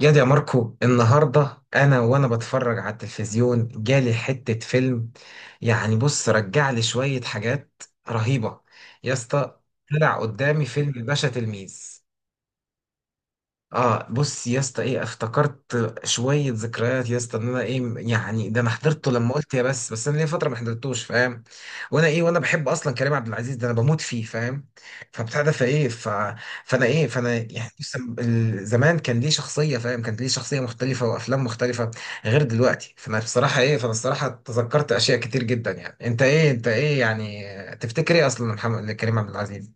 يا دي يا ماركو، النهاردة أنا بتفرج على التلفزيون جالي حتة فيلم. يعني بص رجع لي شوية حاجات رهيبة. يا اسطى، طلع قدامي فيلم الباشا تلميذ. اه بص يا اسطى، ايه، افتكرت شويه ذكريات يا اسطى، ان انا ايه يعني ده انا حضرته لما قلت، يا بس بس انا ليا فتره ما حضرتوش، فاهم. وانا بحب اصلا كريم عبد العزيز، ده انا بموت فيه فاهم. فبتاع ده فايه ف... فانا ايه فانا يعني بص، زمان كان ليه شخصيه فاهم، كانت ليه شخصيه مختلفه وافلام مختلفه، غير دلوقتي. فانا بصراحه ايه، فانا الصراحه تذكرت اشياء كتير جدا. يعني انت يعني تفتكر ايه اصلا محمد كريم عبد العزيز؟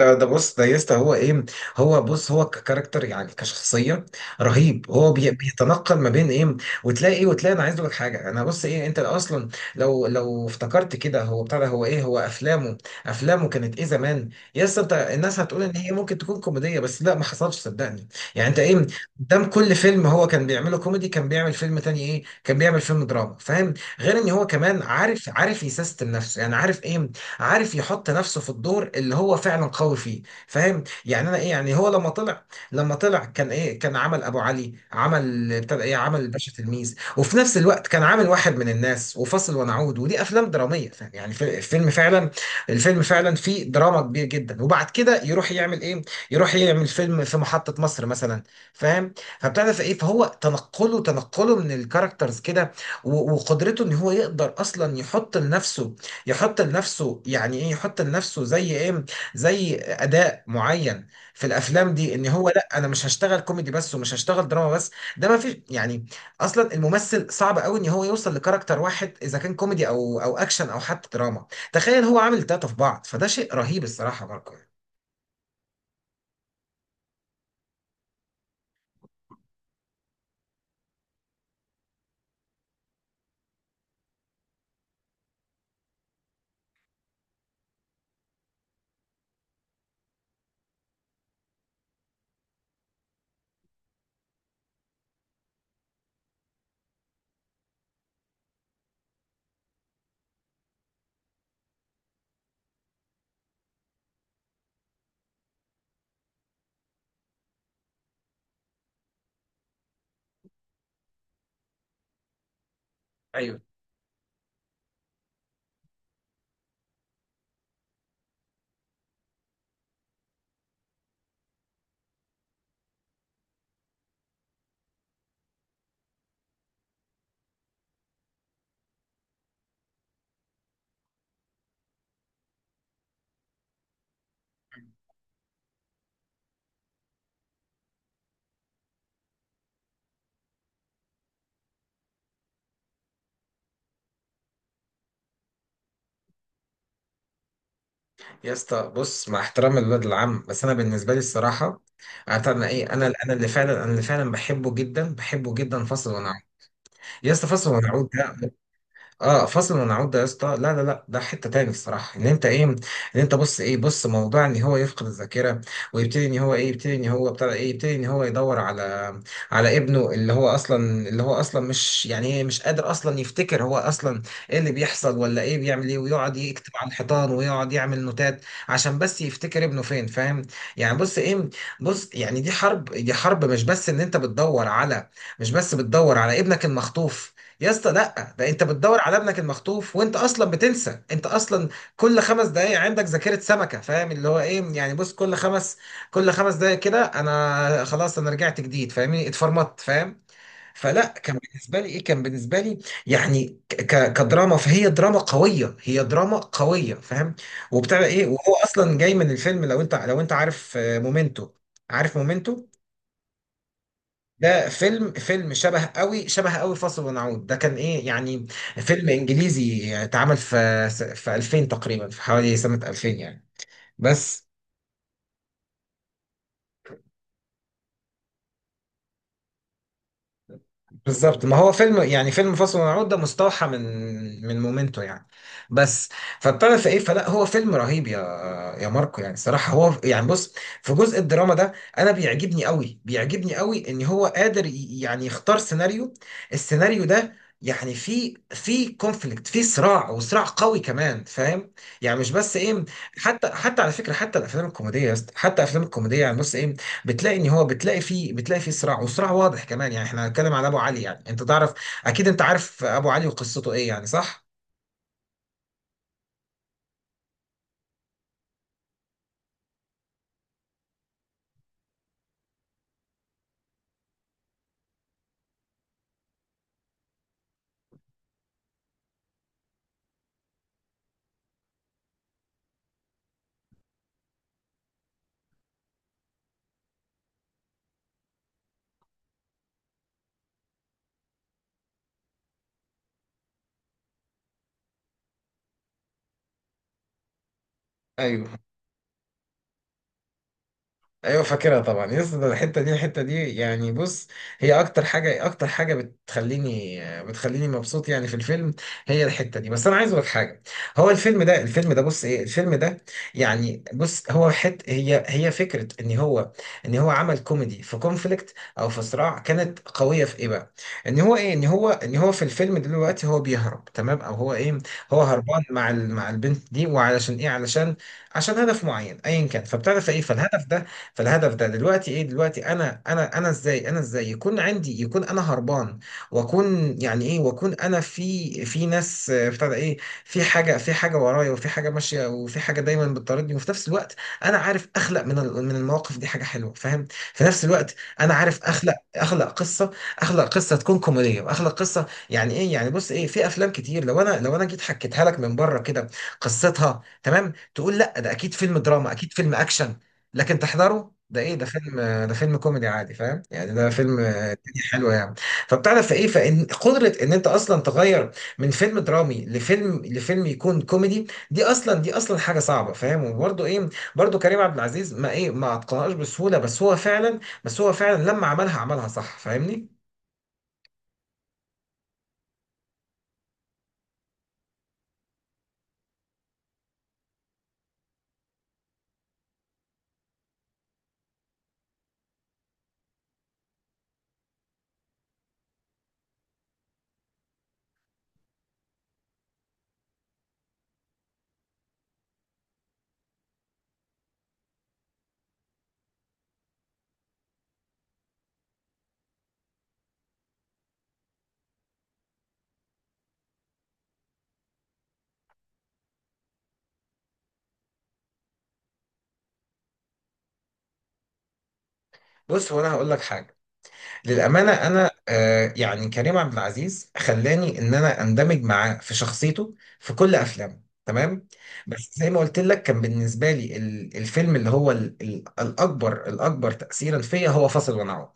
لا ده بص ده يسطا، هو ايه، هو بص، هو ككاركتر يعني كشخصيه رهيب. هو بيتنقل ما بين ايه وتلاقي ايه، وتلاقي انا عايز اقول لك حاجه، انا بص ايه، انت اصلا لو افتكرت كده هو بتاع ده، هو ايه، هو افلامه، افلامه كانت ايه زمان. يسطا انت الناس هتقول ان هي ممكن تكون كوميديه، بس لا ما حصلش صدقني. يعني انت ايه، قدام كل فيلم هو كان بيعمله كوميدي كان بيعمل فيلم تاني، ايه، كان بيعمل فيلم دراما فاهم. غير ان هو كمان عارف يسيستم نفسه، يعني عارف ايه، عارف يحط نفسه في الدور اللي هو فعلا قوي فيه فاهم. يعني انا ايه، يعني هو لما طلع، كان ايه، كان عمل ابو علي، عمل، ابتدى ايه، عمل الباشا تلميذ، وفي نفس الوقت كان عامل واحد من الناس وفاصل ونعود، ودي افلام دراميه فاهم؟ يعني الفيلم فعلا، فيه دراما كبير جدا، وبعد كده يروح يعمل ايه، يروح يعمل فيلم في محطه مصر مثلا، فاهم. فابتدى في ايه، فهو تنقله، من الكاركترز كده، وقدرته ان هو يقدر اصلا يحط لنفسه، يعني ايه، يحط لنفسه زي ايه، زي اداء معين في الافلام دي، ان هو لا، انا مش هشتغل كوميدي بس ومش هشتغل دراما بس. ده ما فيش يعني. اصلا الممثل صعب قوي ان هو يوصل لكاركتر واحد، اذا كان كوميدي او اكشن او حتى دراما. تخيل هو عامل تلاتة في بعض، فده شيء رهيب الصراحة ماركو. ايوه يا اسطى بص، مع احترام الولد العم، بس انا بالنسبه لي الصراحه، عارف انا ايه، انا اللي فعلا، بحبه جدا، بحبه جدا، فاصل ونعود. يا اسطى فاصل ونعود ده، اه فصل ونعود ده يا اسطى، لا لا لا، ده حته تاني الصراحه. ان انت ايه، ان انت بص ايه، بص، موضوع ان هو يفقد الذاكره، ويبتدي ان هو ايه، يبتدي ان هو بتاع ايه، يبتدي ان هو يدور على، على ابنه اللي هو اصلا، مش يعني ايه، مش قادر اصلا يفتكر هو اصلا ايه اللي بيحصل ولا ايه، بيعمل ايه، ويقعد يكتب على الحيطان ويقعد يعمل نوتات عشان بس يفتكر ابنه فين فاهم. يعني بص ايه، بص، يعني دي حرب، مش بس ان انت بتدور على، مش بس بتدور على ابنك المخطوف، يا اسطى لا، ده انت بتدور على ابنك المخطوف وانت اصلا بتنسى، انت اصلا كل 5 دقايق عندك ذاكرة سمكة فاهم. اللي هو ايه، يعني بص، كل 5 دقايق كده انا خلاص، انا رجعت جديد فاهمني، اتفرمطت فاهم. فلا كان بالنسبة لي ايه، كان بالنسبة لي يعني كدراما، فهي دراما قوية، فاهم وبتاع ايه، وهو اصلا جاي من الفيلم، لو انت عارف مومنتو، عارف مومنتو. ده فيلم، فيلم شبه قوي، فاصل ونعود ده كان ايه يعني، فيلم انجليزي اتعمل في، 2000 تقريبا، في حوالي سنة 2000 يعني بس. بالظبط ما هو فيلم، يعني فيلم فاصل ونعود ده مستوحى من، مومنتو يعني بس. فبتعرف ايه، فلا هو فيلم رهيب يا، ماركو يعني الصراحه هو يعني بص، في جزء الدراما ده انا بيعجبني قوي، ان هو قادر يعني يختار سيناريو، السيناريو ده، يعني في كونفليكت في صراع، قوي كمان فاهم. يعني مش بس ايه، حتى على فكره، حتى الافلام الكوميديه يا اسطى، حتى الافلام الكوميديه يعني بص ايه، بتلاقي ان هو، بتلاقي فيه، صراع واضح كمان. يعني احنا هنتكلم على ابو علي، يعني انت تعرف اكيد، انت عارف ابو علي وقصته ايه يعني صح؟ ايوه ايوه، فاكرها طبعا يا اسطى، ده الحته دي، يعني بص، هي اكتر حاجه، بتخليني مبسوط يعني في الفيلم، هي الحته دي. بس انا عايز اقول لك حاجه، هو الفيلم ده، الفيلم ده بص ايه، الفيلم ده يعني بص، هو حت، هي هي فكره ان هو عمل كوميدي في كونفليكت او في صراع كانت قويه في ايه بقى، ان هو ايه، ان هو في الفيلم دلوقتي هو بيهرب تمام، او هو ايه، هو هربان مع مع البنت دي، وعلشان ايه، علشان عشان هدف معين ايا كان، فبتعرف ايه، فالهدف ده، دلوقتي ايه، دلوقتي انا ازاي يكون عندي، يكون انا هربان، واكون يعني ايه، واكون انا في، ناس بتاع ده ايه، في حاجه، ورايا وفي حاجه ماشيه، وفي حاجه دايما بتطاردني، وفي نفس الوقت انا عارف اخلق من من المواقف دي حاجه حلوه فاهم. في نفس الوقت انا عارف اخلق، قصه اخلق قصه تكون كوميديه، واخلق قصه يعني ايه، يعني بص ايه، في افلام كتير، لو انا جيت حكيتها لك من بره كده قصتها، تمام تقول لا ده اكيد فيلم دراما، اكيد فيلم اكشن، لكن تحضره ده ايه، ده فيلم، كوميدي عادي فاهم. يعني ده فيلم الدنيا حلوه يعني. فبتعرف في ايه، فان قدره ان انت اصلا تغير من فيلم درامي لفيلم، يكون كوميدي، دي اصلا حاجه صعبه فاهم. وبرده ايه، برده كريم عبد العزيز ما ايه، ما اتقنهاش بسهوله، بس هو فعلا، لما عملها عملها صح فاهمني. بص هو انا هقول لك حاجه، للأمانة أنا يعني كريم عبد العزيز خلاني إن أنا أندمج معاه في شخصيته في كل أفلامه تمام. بس زي ما قلت لك، كان بالنسبة لي الفيلم اللي هو الأكبر، تأثيرا فيا هو فاصل ونعود.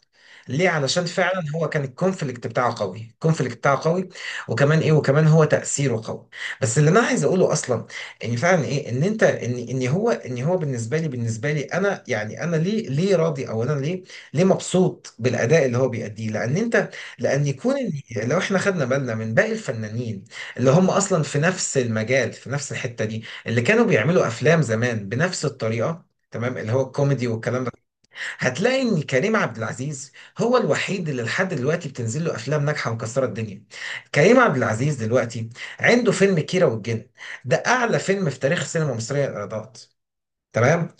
ليه؟ علشان فعلا هو كان الكونفليكت بتاعه قوي، وكمان ايه، وكمان هو تأثيره قوي. بس اللي انا عايز اقوله اصلا، ان فعلا ايه، ان انت ان ان هو ان هو بالنسبه لي، انا يعني انا ليه، راضي او انا ليه، مبسوط بالاداء اللي هو بيأديه. لان انت، لان يكون لو احنا خدنا بالنا من باقي الفنانين اللي هم اصلا في نفس المجال، في نفس الحتة دي، اللي كانوا بيعملوا افلام زمان بنفس الطريقة تمام، اللي هو الكوميدي والكلام ده، هتلاقي ان كريم عبد العزيز هو الوحيد اللي لحد دلوقتي بتنزل له افلام ناجحه ومكسره الدنيا. كريم عبد العزيز دلوقتي عنده فيلم كيرة والجن، ده اعلى فيلم في تاريخ السينما المصريه الايرادات تمام.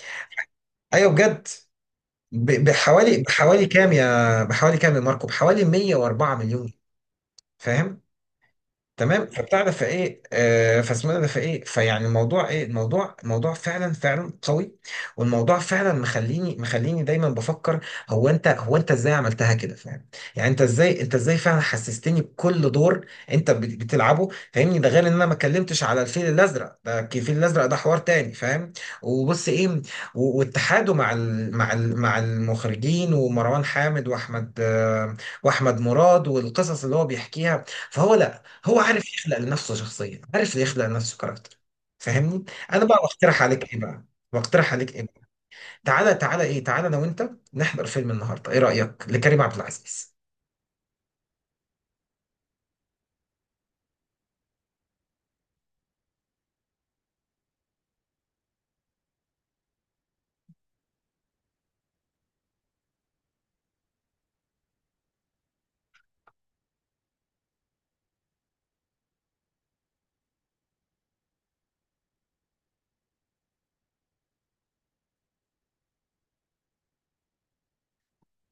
ايوه بجد، بحوالي، بحوالي كام يا ماركو، بحوالي 104 مليون فاهم تمام. فبتاع ده فايه آه، فاسمنا ده فايه، فيعني الموضوع ايه، الموضوع موضوع فعلا، قوي والموضوع فعلا مخليني، دايما بفكر، هو انت، ازاي عملتها كده فاهم. يعني انت ازاي، فعلا حسستني بكل دور انت بتلعبه فاهمني. ده غير ان انا ما اتكلمتش على الفيل الازرق ده، الفيل الازرق ده حوار تاني فاهم. وبص ايه، واتحاده مع ال مع ال مع المخرجين، ومروان حامد، واحمد واحمد مراد، والقصص اللي هو بيحكيها. فهو، هو عارف يخلق لنفسه شخصية، عارف يخلق لنفسه كاركتر فاهمني. انا بقى بقترح عليك ايه بقى، بقترح عليك ايه تعالى تعالى ايه تعالى انا وانت نحضر فيلم النهارده، ايه رأيك لكريم عبد العزيز؟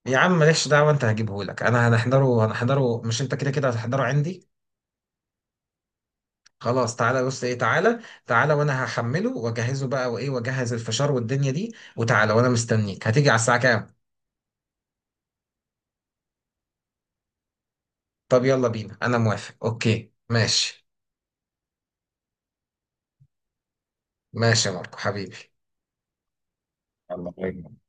يا عم مالكش دعوة، انت هجيبه لك، انا هنحضره، مش انت كده كده هتحضره عندي. خلاص تعالى بص ايه، تعالى، وانا هحمله واجهزه بقى، وايه، واجهز الفشار والدنيا دي، وتعالى وانا مستنيك. هتيجي على الساعة كام؟ طب يلا بينا انا موافق، اوكي ماشي. ماشي يا ماركو حبيبي. الله يبارك.